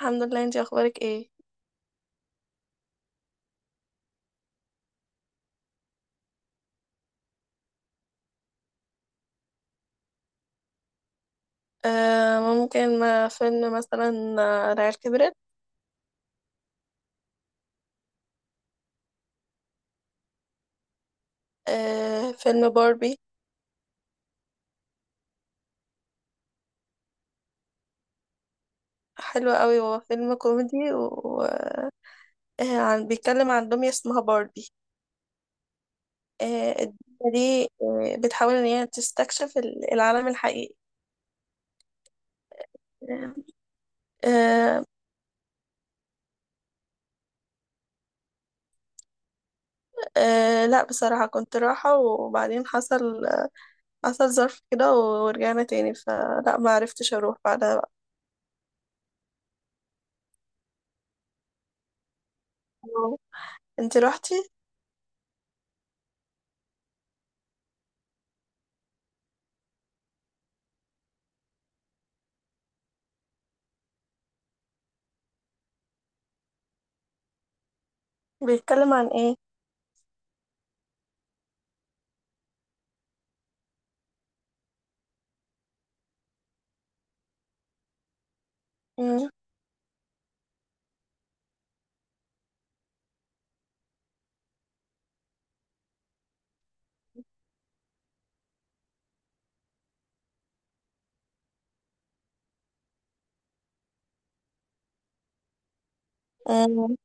الحمد لله. انتي اخبارك ايه؟ ممكن ما فيلم مثلا. العيال كبرت. فيلم باربي. حلو قوي. هو فيلم كوميدي وعن بيتكلم عن دمية اسمها باربي. الدمية دي بتحاول ان هي تستكشف العالم الحقيقي. آه آه. لا بصراحة كنت رايحة وبعدين حصل ظرف كده ورجعنا تاني، فلا ما عرفتش اروح بعدها بقى. انتي روحتي؟ بيتكلم عن ايه؟ مم.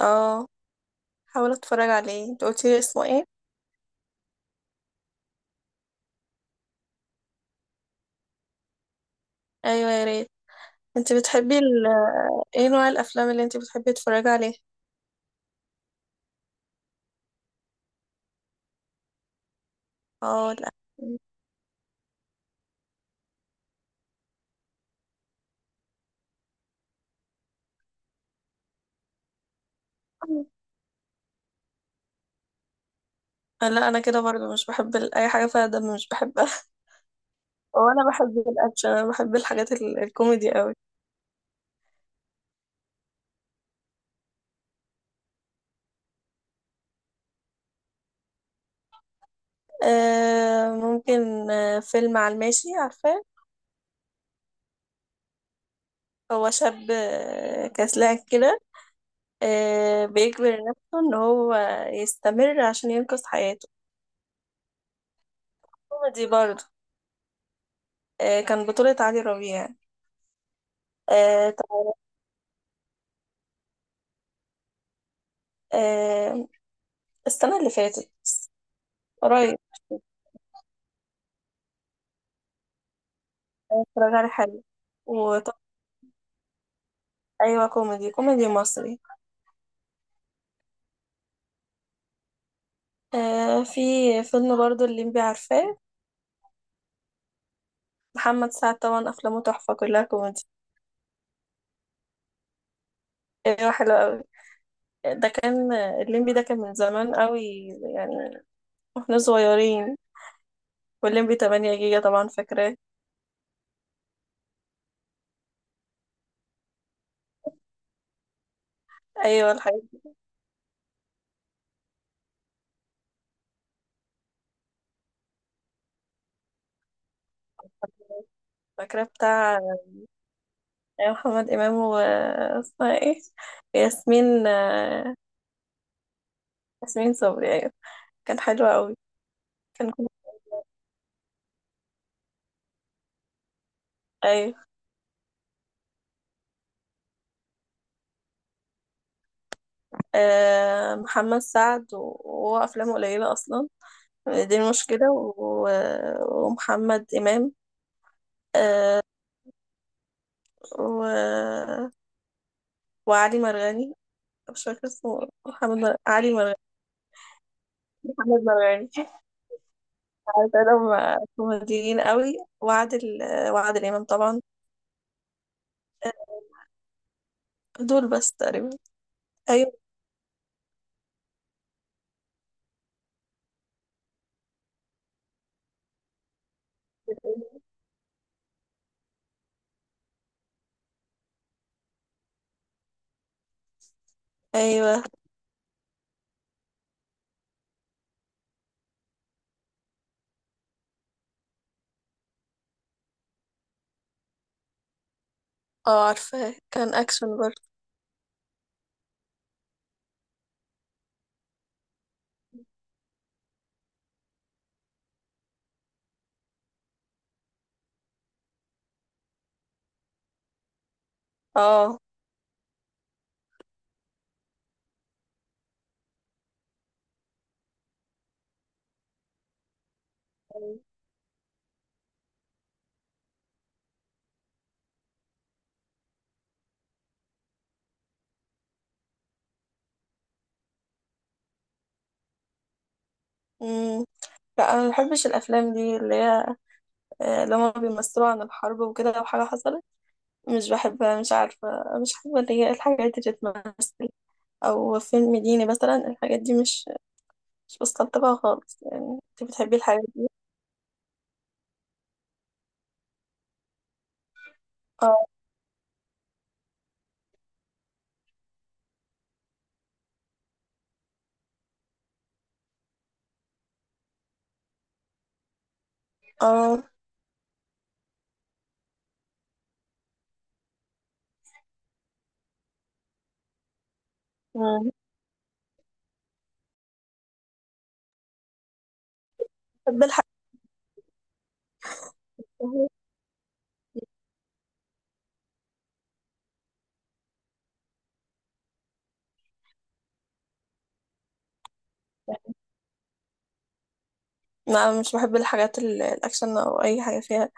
اه، حاول اتفرج عليه. انت قلتي لي اسمه ايه؟ ايوه يا ريت. انت بتحبي ايه نوع الافلام اللي انت بتحبي تتفرجي عليها؟ اه لا، انا كده برضه مش بحب اي حاجه فيها دم مش بحبها. وانا بحب الاكشن، انا بحب الحاجات الكوميدي قوي. ممكن، فيلم على الماشي، عارفاه؟ هو شاب كسلان كده. بيجبر نفسه ان هو يستمر عشان ينقذ حياته. كوميدي برضه. كان بطولة علي ربيع. آه، آه، السنة اللي فاتت، قريب. اتفرج على حلو. وطب أيوة، كوميدي، كوميدي مصري. في فيلم برضو اللي انبي عارفاه، محمد سعد. طبعا أفلامه تحفة، كلها كوميدي. أيوة حلو أوي. ده كان الليمبي، ده كان من زمان قوي يعني، واحنا صغيرين. والليمبي 8 جيجا طبعا، فاكراه؟ ايوه الحاجات دي. فاكراه؟ بتاع أيوة، محمد امام و اسمها ايه؟ ياسمين ياسمين صبري. ايوه كان حلو قوي. كان كوميدي. أيوة. محمد سعد وهو أفلامه قليلة أصلا، دي المشكلة. ومحمد إمام، آه، و... وعلي مرغني. مش فاكرة اسمه. علي مرغني، محمد مرغني. عارفة كوميديين قوي. وعادل إمام طبعا. دول بس تقريبا. أيوة أيوة. اه عارفة، كان أكشن برضه. اه. مم. لا أنا مبحبش الأفلام دي اللي هي، اللي هما بيمثلوا عن الحرب وكده، لو حاجة حصلت مش بحبها، مش عارفة. مش حابة اللي هي الحاجات اللي بتمثل أو فيلم ديني مثلا. الحاجات دي مش بستلطفها خالص يعني. انت بتحبي الحاجات دي؟ اه اه. مم. بحب الحاجات اللي هي- لا مش بحب الحاجات الأكشن أو أي حاجة فيها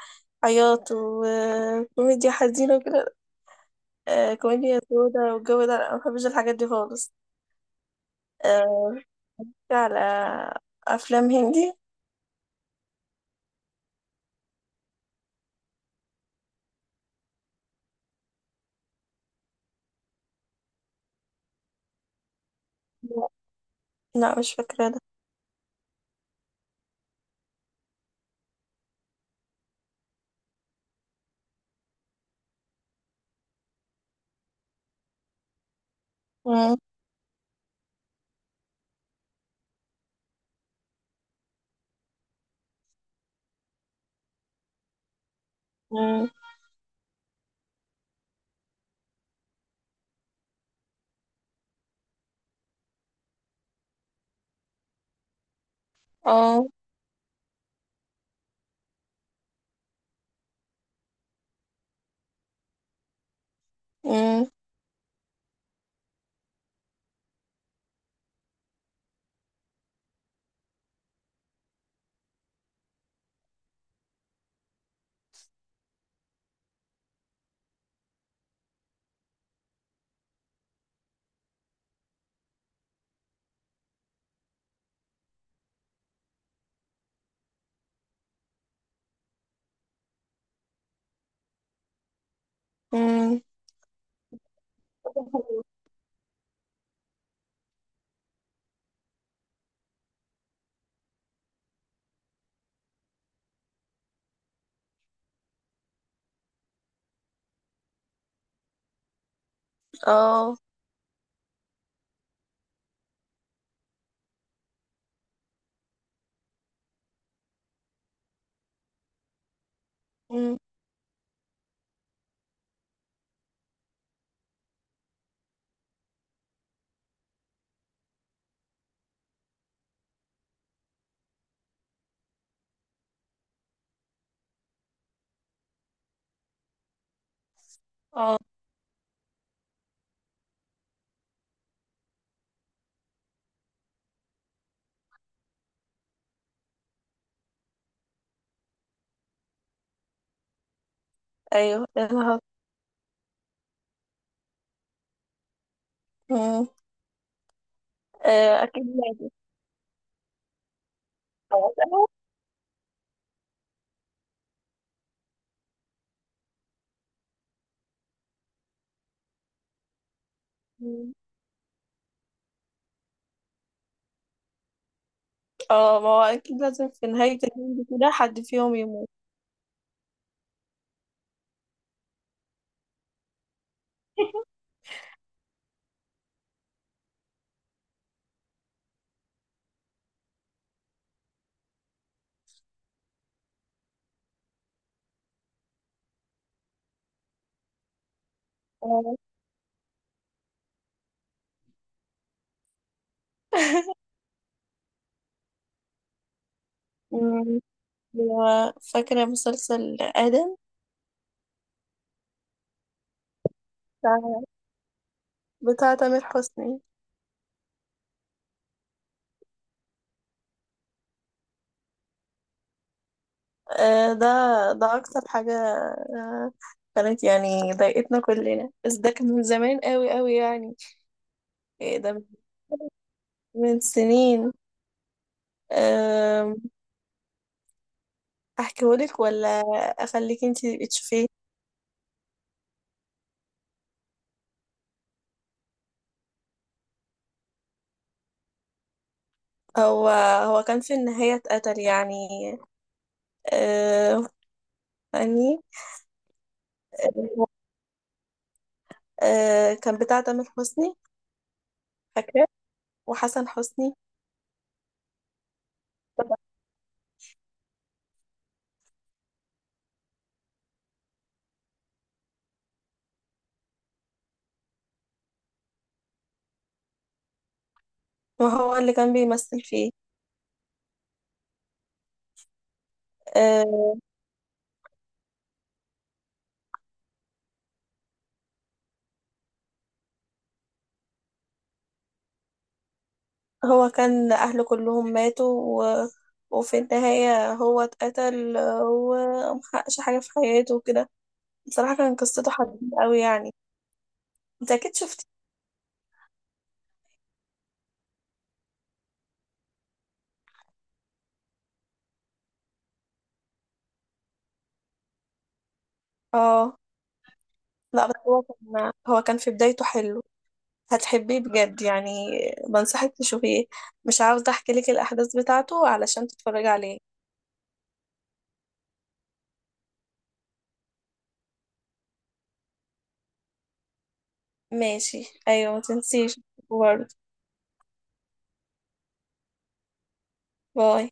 عياط وكوميديا حزينة وكده. كوميديا سودة والجو ده، لا ما بحبش الحاجات دي خالص. آه، في أفلام هندي. لا مش فاكرة ده. مم. مم. اه. مم. مم. اه. مم. اه. ايوه يا نهار. مم. اكيد لازم. خلاص اهو. مم. اه ما هو اكيد لازم، في نهاية اليوم كده حد فيهم يموت. اه. مم. و فاكرة مسلسل آدم، بتاع بتاع تامر حسني. آه، ده ده أكتر حاجة كانت يعني ضايقتنا كلنا، بس ده كان من زمان قوي قوي يعني. إيه ده، من سنين. آم، أحكيهولك ولا أخليك انتي تشوفيه؟ هو هو كان في النهاية اتقتل يعني. آه يعني. كان بتاع تامر حسني، فاكرة؟ وحسن حسني. ما هو اللي كان بيمثل فيه. آه. هو كان أهله كلهم ماتوا وفي النهاية هو اتقتل، ومحققش حاجة في حياته وكده. بصراحة كان قصته حزينة أوي يعني. انت أكيد شفتي. اه لا بس هو كان، هو كان في بدايته حلو، هتحبيه بجد يعني. بنصحك تشوفيه. مش عاوزة احكي لك الاحداث بتاعته علشان تتفرجي عليه. ماشي ايوه، ما تنسيش برضه. باي.